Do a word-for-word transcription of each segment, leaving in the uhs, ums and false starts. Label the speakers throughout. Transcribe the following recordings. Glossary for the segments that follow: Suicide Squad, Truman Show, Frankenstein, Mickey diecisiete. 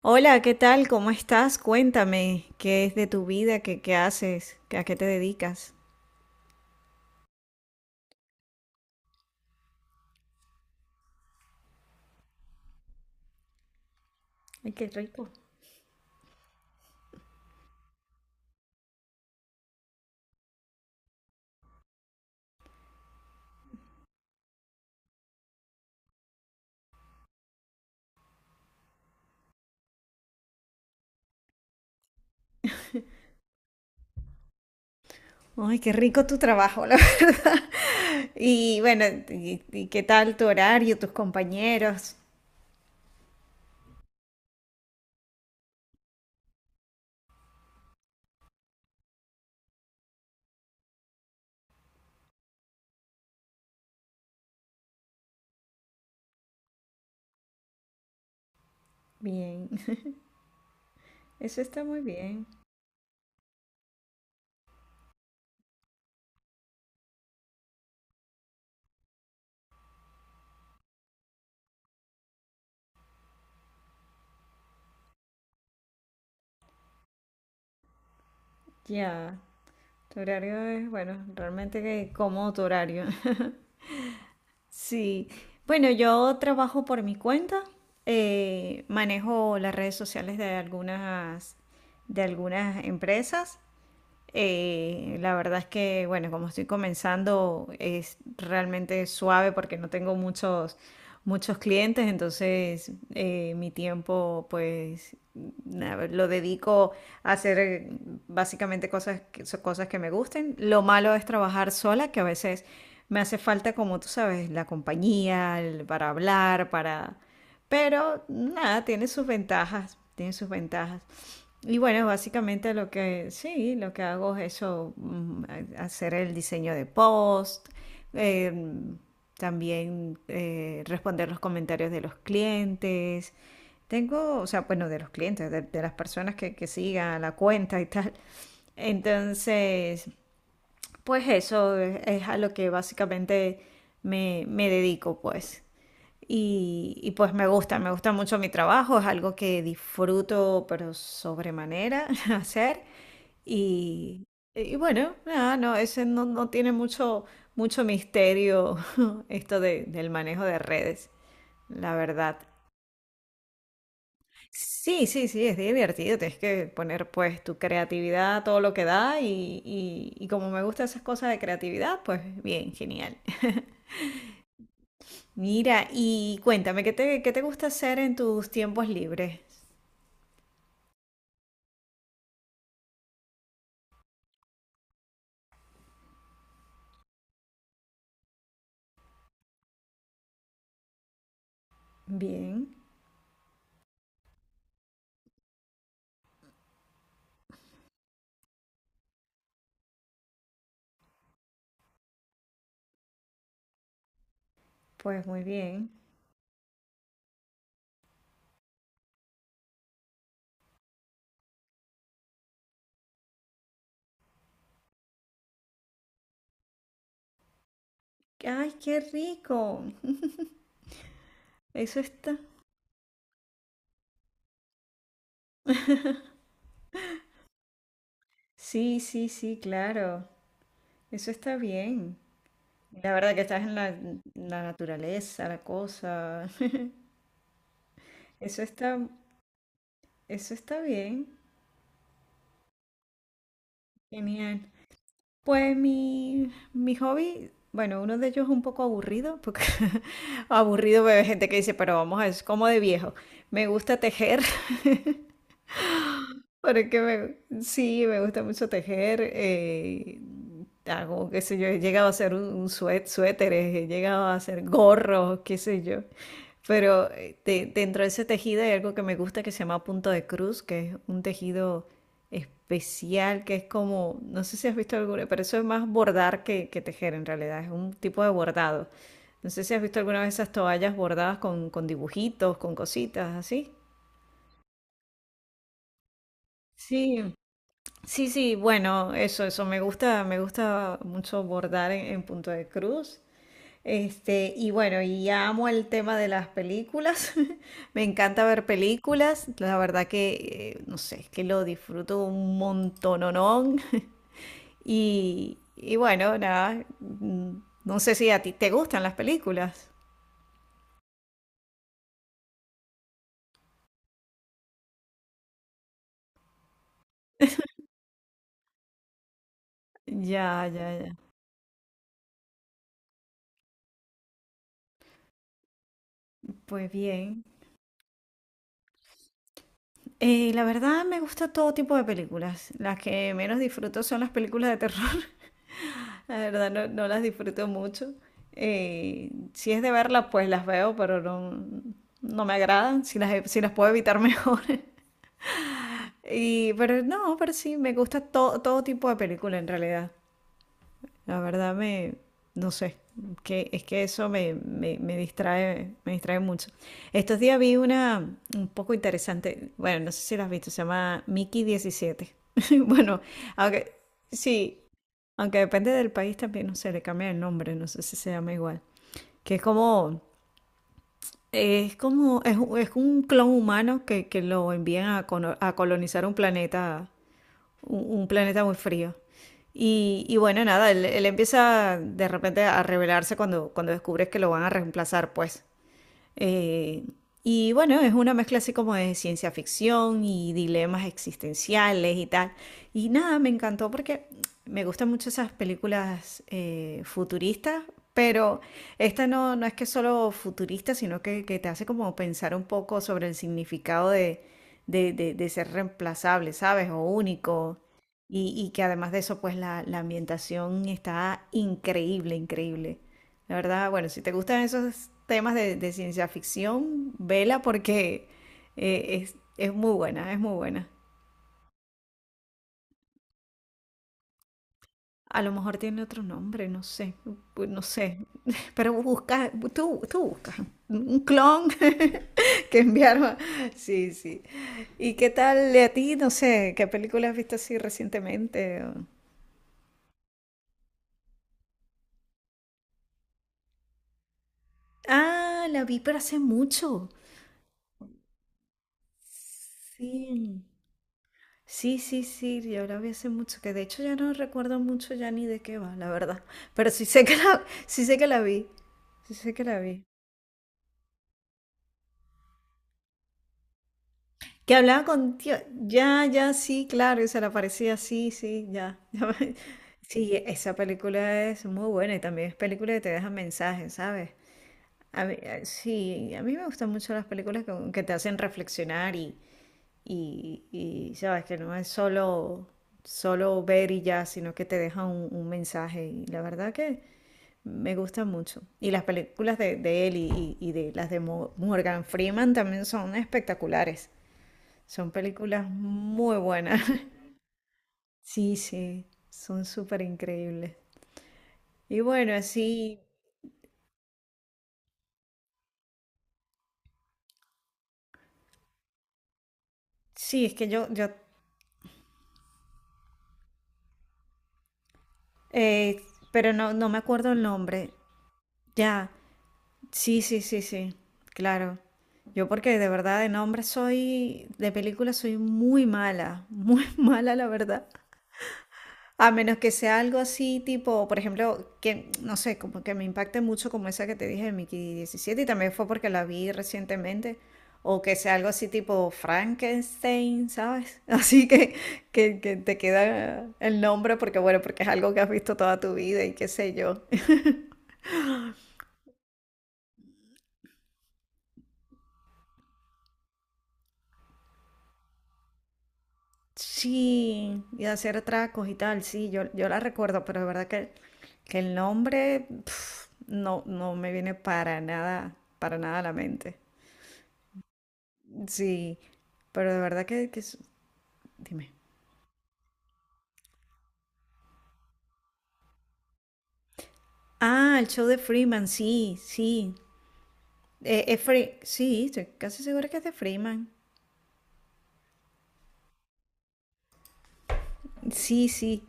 Speaker 1: Hola, ¿qué tal? ¿Cómo estás? Cuéntame, ¿qué es de tu vida? ¿Qué, qué haces? ¿A qué te dedicas? Ay, qué rico. Ay, qué rico tu trabajo, la verdad. Y bueno, y, y qué tal tu horario, tus compañeros? Bien, eso está muy bien. Ya, tu horario es, bueno, realmente que cómodo tu horario. Sí, bueno, yo trabajo por mi cuenta, eh, manejo las redes sociales de algunas, de algunas empresas eh, la verdad es que, bueno, como estoy comenzando, es realmente suave porque no tengo muchos, muchos clientes, entonces eh, mi tiempo, pues, a lo dedico a hacer eh, básicamente cosas que, so- cosas que me gusten. Lo malo es trabajar sola, que a veces me hace falta, como tú sabes, la compañía, el- para hablar, para... Pero nada, tiene sus ventajas, tiene sus ventajas. Y bueno, básicamente lo que sí, lo que hago es eso, mm, ha- hacer el diseño de post, em, también eh, responder los comentarios de los clientes. Tengo, o sea, bueno, de los clientes, de, de las personas que, que sigan la cuenta y tal. Entonces, pues eso es es a lo que básicamente me, me dedico, pues. Y, y pues me gusta, me gusta mucho mi trabajo, es algo que disfruto pero sobremanera hacer. Y, y bueno, nada, no, ese no, no tiene mucho, mucho misterio esto de- del manejo de redes, la verdad. Sí, sí, sí, es divertido, tienes que poner pues tu creatividad, todo lo que da y, y, y como me gustan esas cosas de creatividad, pues bien, genial. Mira, y cuéntame, ¿qué te, qué te gusta hacer en tus tiempos libres? Bien, pues muy bien. ¡Ay, qué rico! Eso está. Sí, sí, sí, claro. Eso está bien. La verdad que estás en la, en la naturaleza, la cosa. Eso está, eso está bien. Genial. Pues mi, mi hobby, bueno, uno de ellos es un poco aburrido, porque aburrido ve gente que dice, pero vamos, es como de viejo. Me gusta tejer. Porque me, sí, me gusta mucho tejer. eh, hago, qué sé yo, he llegado a hacer un, un sué- suéteres, he llegado a hacer gorros, qué sé yo. Pero eh, de- dentro de ese tejido hay algo que me gusta que se llama punto de cruz, que es un tejido especial, que es como, no sé si has visto alguna, pero eso es más bordar que, que tejer en realidad, es un tipo de bordado. No sé si has visto alguna vez esas toallas bordadas con, con dibujitos, con cositas así. Sí, Sí, sí, bueno, eso, eso me gusta, me gusta mucho bordar en, en punto de cruz. Este, y bueno, y amo el tema de las películas. Me encanta ver películas. La verdad que, eh, no sé, es que lo disfruto un montononón. Y, y bueno, nada, mm, no sé si a ti te gustan las películas. Ya, ya, ya. Pues bien. Eh, la verdad me gusta todo tipo de películas. Las que menos disfruto son las películas de terror. La verdad no, no las disfruto mucho. Eh, si es de verlas, pues las veo, pero no, no me agradan. Si las, si las puedo evitar mejor. Y, pero no, pero sí, me gusta to- todo tipo de película en realidad. La verdad me, no sé, que, es que eso me, me, me distrae, me distrae mucho. Estos días vi una un poco interesante, bueno, no sé si la has visto, se llama Mickey diecisiete. Bueno, aunque sí, aunque depende del país también, no sé, le cambia el nombre, no sé si se llama igual. Que es como, es como, es, un es un clon humano que, que lo envían a, cono- a colonizar un planeta un, un planeta muy frío. Y, y bueno, nada, él, él empieza de repente a rebelarse cuando, cuando descubres que lo van a reemplazar, pues. Eh, y bueno, es una mezcla así como de ciencia ficción y dilemas existenciales y tal. Y nada, me encantó porque me gustan mucho esas películas eh, futuristas, pero esta no, no es que es solo futurista, sino que, que te hace como pensar un poco sobre el significado de, de, de- de ser reemplazable, ¿sabes? O único. Y, y que además de eso, pues la, la ambientación está increíble, increíble. La verdad, bueno, si te gustan esos temas de, de ciencia ficción, vela porque eh, es, es muy buena, es muy buena. A lo mejor tiene otro nombre, no sé, bu- no sé. Pero busca, tú, tú buscas un clon que enviaron. Sí, sí. ¿Y qué tal de a ti? No sé, ¿qué película has visto así recientemente? O- Ah, la vi, pero hace mucho. Sí. Sí, sí, sí, yo la vi hace mucho, que de hecho ya no recuerdo mucho ya ni de qué va, la verdad. Pero sí sé que la, sí sé que la vi, sí sé que la vi. Que hablaba con tío, ya, ya, sí, claro, y se le aparecía así, sí, ya. ya me- Sí, esa película es muy buena y también es película que te deja mensajes, ¿sabes? A mí- eh, sí, a mí me gustan mucho las películas que, que te hacen reflexionar y, Y, y sabes que no es solo, solo ver y ya, sino que te deja un, un mensaje. Y la verdad que me gusta mucho. Y las películas de, de él y, y- y de las de Mo- Morgan Freeman también son espectaculares. Son películas muy buenas. Sí, sí, son súper increíbles. Y bueno, así, sí, es que yo, yo, eh, pero no, no me acuerdo el nombre. Ya, sí, sí, sí, sí, claro. Yo porque de verdad de nombre soy, de película soy muy mala, muy mala la verdad. A menos que sea algo así tipo, por ejemplo, que no sé, como que me impacte mucho como esa que te dije de Mickey diecisiete y también fue porque la vi recientemente. O que sea algo así tipo Frankenstein, ¿sabes? Así que, que, que te queda el nombre porque bueno, porque es algo que has visto toda tu vida y qué sé yo. Sí, y hacer tracos y tal, sí, yo, yo la recuerdo, pero es verdad que, que el nombre pf, no, no me viene para nada, para nada a la mente. Sí, pero de verdad que, que es- dime. Ah, el show de Freeman, sí, sí. Eh, es Fre- sí, estoy casi segura que es de Freeman. Sí, sí.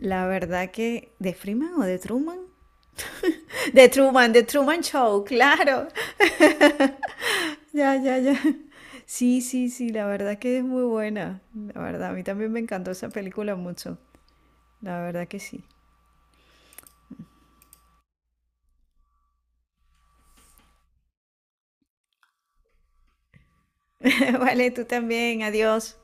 Speaker 1: La verdad que... ¿De Freeman o de Truman? De Truman, de Truman Show, claro. Ya, ya, ya. Sí, sí, sí, la verdad que es muy buena. La verdad, a mí también me encantó esa película mucho. La verdad que sí. Vale, tú también, adiós.